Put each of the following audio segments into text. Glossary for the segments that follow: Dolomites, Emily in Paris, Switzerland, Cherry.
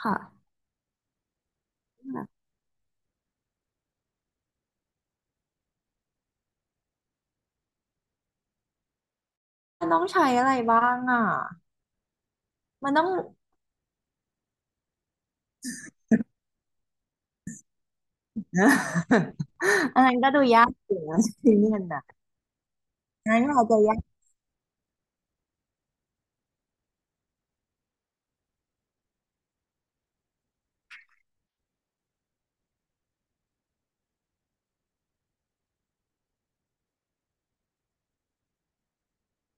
ค่ะ มันต้องใช้อะไรบ้างอ่ะ มันต้อง อันนั้นก็ดูยากอยู่นะ ที่นี่นนะอันนั้นก็อาจจะยาก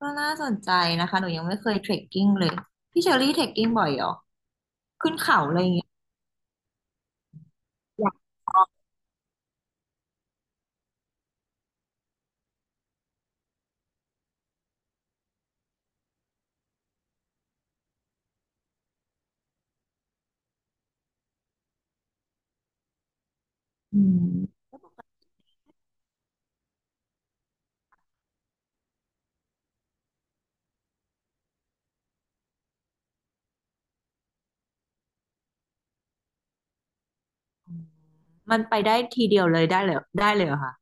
ก็น่าสนใจนะคะหนูยังไม่เคยเทรคกิ้งเลย พี่เชอรี่เทรคกิ้งบ่อยเหรอขึ้นเขาอะไรอย่างเงี้ยอยากอืมมันไปได้ทีเดียวเลยได้เลยได้เลยเหรอคะ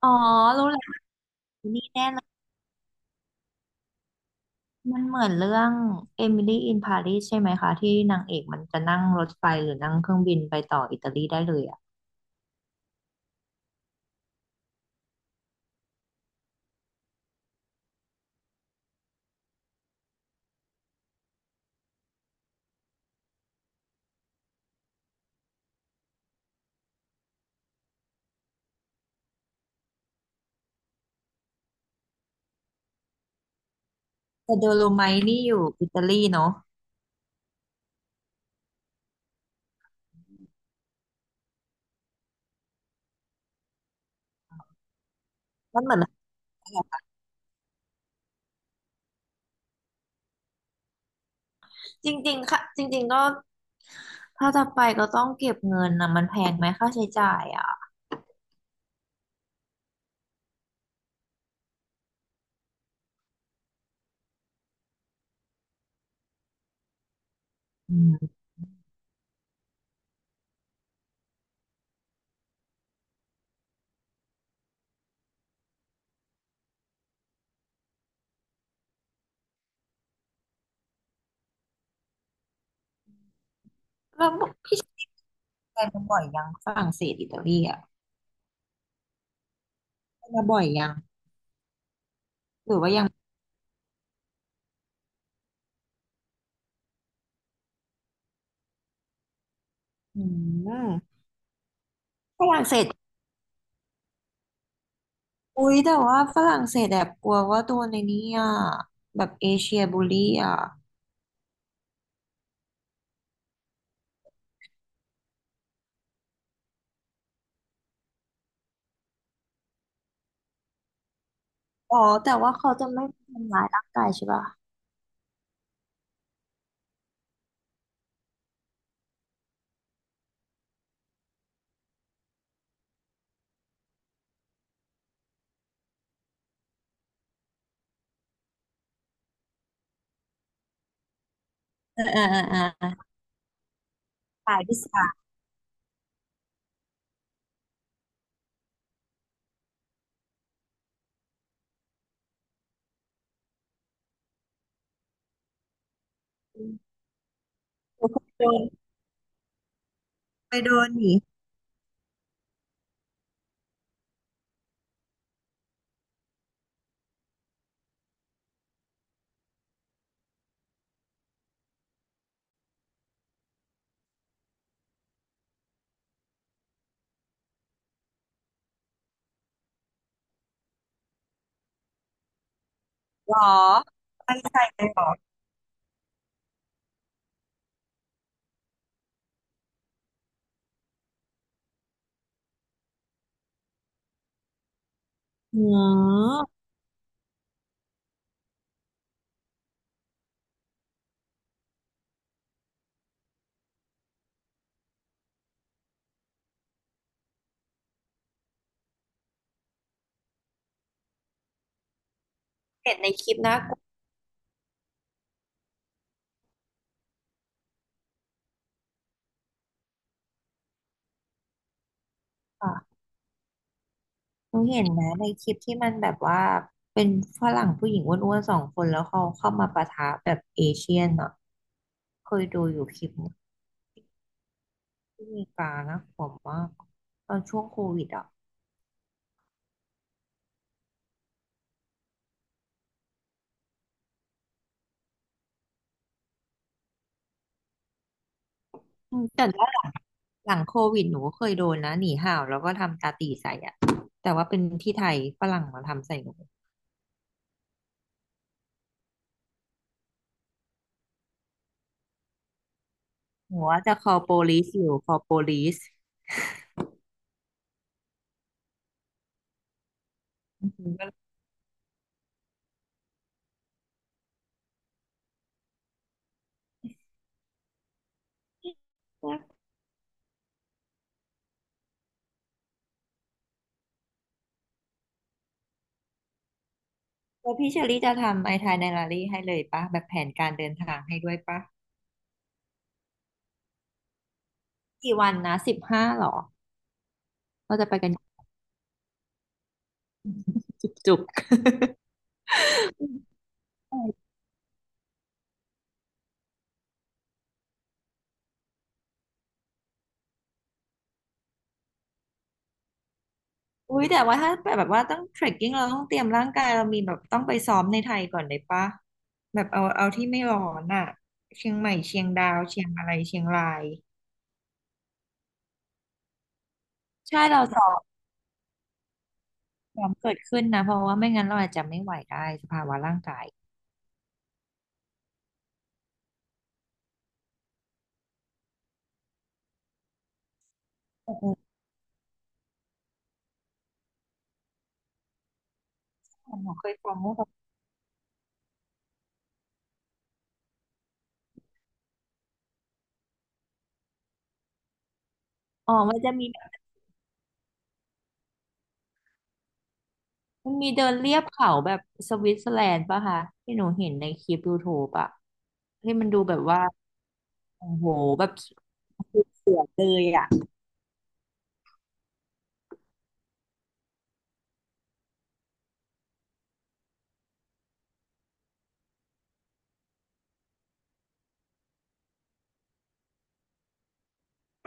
อ๋อรู้แล้วนี่แน่เลยมันเหมือนเรื่องเอมิลี่อินปารีสใช่ไหมคะที่นางเอกมันจะนั่งรถไฟหรือนั่งเครื่องบินไปต่ออิตาลีได้เลยอะแต่โดโลไมท์นี่อยู่อิตาลีเนาะมันเหมือน จริงๆค่ะจริงๆ ก็ถ้าจะไปก็ต้องเก็บเงินนะมันแพงไหมค่าใช้จ่ายอ่ะอืมแล้วพี่ไปมาบ่อยยังฝรั่งเศสอิตาลีอ่ะไปมาบ่อยยังหรือว่ายังอืมฝรั่งเศสอุ๊ยแต่ว่าฝรั่งเศสแบบกลัวว่าตัวในนี้อ่ะแบบเอเชียบูลลี่อ่ะอ๋อแต่ว่าเขาจะไม่ทำร้ายร่างกายใช่ป่ะเออเออเออเออตายพิสาไปโดนไปโดนหนีหรอไปใส่เลยหรออืม เห็นในคลิปน่ากลัวอะหนูเห็นนะในคลิปที่มันแบบว่าเป็นฝรั่งผู้หญิงอ้วนๆสองคนแล้วเขาเข้ามาปะทะแบบเอเชียนอ่ะเคยดูอยู่คลิปนึงที่อเมริกานะผมว่ากตอนช่วงโควิดอ่ะอืมแต่ว่าหลังโควิดหนูก็เคยโดนนะหนีห่าวแล้วก็ทำตาตีใส่อ่ะแต่ว่าเป็นที่ไทยฝรั่งมาทำใส่หนูหนูว่าจะ call police อยู่ call police อืมก็เลยแล้วพี่เชอรี่จะทำไอทายไดอารี่ให้เลยปะแบบแผนการเดินทางให้ด้วยปะ กี่วันนะ15หรอเราจะไปกันจุกๆ อุ้ยแต่ว่าถ้าแบบว่าต้องเทรคกิ้งเราต้องเตรียมร่างกายเรามีแบบต้องไปซ้อมในไทยก่อนเลยปะแบบเอาที่ไม่ร้อนอ่ะเชียงใหม่เชียงดาวเชียงอะไรเชียงรายใช่เราซ้อมซ้อมเกิดขึ้นนะเพราะว่าไม่งั้นเราอาจจะไม่ไหวได้สภาวะร่างกายเออเออหมอเคยฟังว่าแบบอ๋อมันจะมีแบบมันมีเดินเลียบเขาแบบสวิตเซอร์แลนด์ปะคะที่หนูเห็นในคลิปยูทูบอะที่มันดูแบบว่า โอ้โหแบบเสียดเลยอ่ะ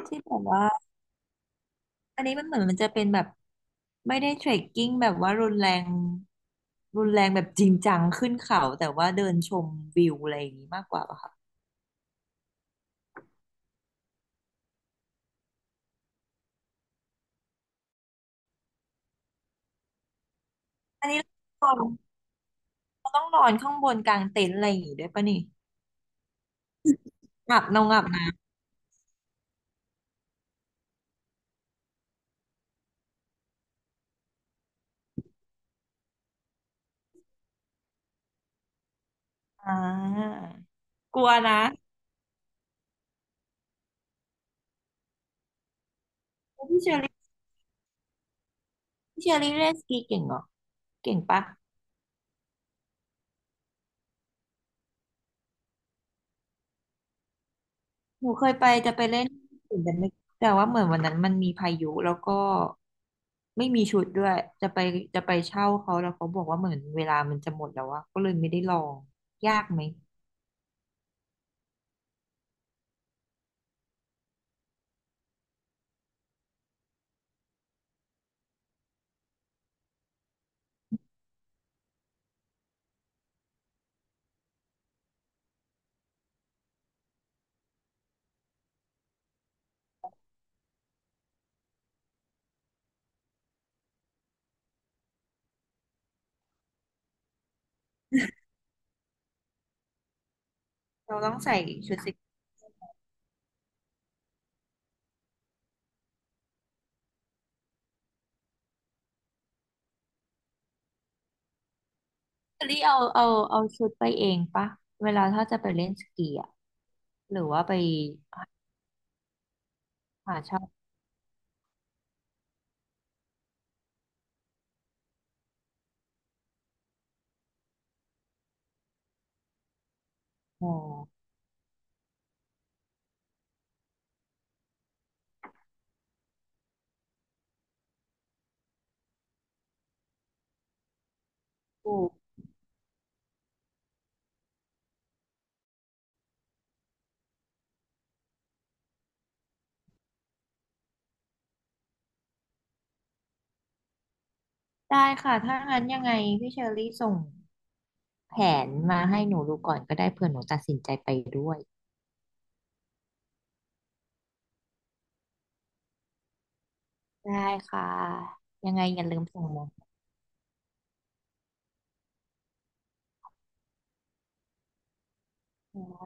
ที่แบบว่าอันนี้มันเหมือนมันจะเป็นแบบไม่ได้เทรคกิ้งแบบว่ารุนแรงรุนแรงแบบจริงจังขึ้นเขาแต่ว่าเดินชมวิวอะไรอย่างนี้มากกว่าป่ะคะอันนี้เราต้องนอนเราต้องนอนข้างบนกลางเต็นท์อะไรอย่างงี้ด้วยปะนี่หลับนอนหลับนะอ่ากลัวนะแล้วพี่เชอรี่พี่เชอรี่เล่นสกีเก่งเหรอเก่งปะ หนูเคยไปจะไปเล่นอื่ปุ่นแต่ไม่แต่ว่าเหมือนวันนั้นมันมีพายุแล้วก็ไม่มีชุดด้วยจะไปจะไปเช่าเขาแล้วเขาบอกว่าเหมือนเวลามันจะหมดแล้วอะก็เลยไม่ได้ลองยากไหมเราต้องใส่ชุดสกีหรือเอาชุดไปเองปะเวลาถ้าจะไปเล่นสกีอะหรือว่าไปหาเช่าอ๋อถูกได้ค่ะถ้างั้นยังไงพี่เชอรี่ส่งแผนมาให้หนูดูก่อนก็ได้เผื่อหนูตัดสินใจไปด้วยได้ค่ะยังไงอย่าลืมส่งมา อื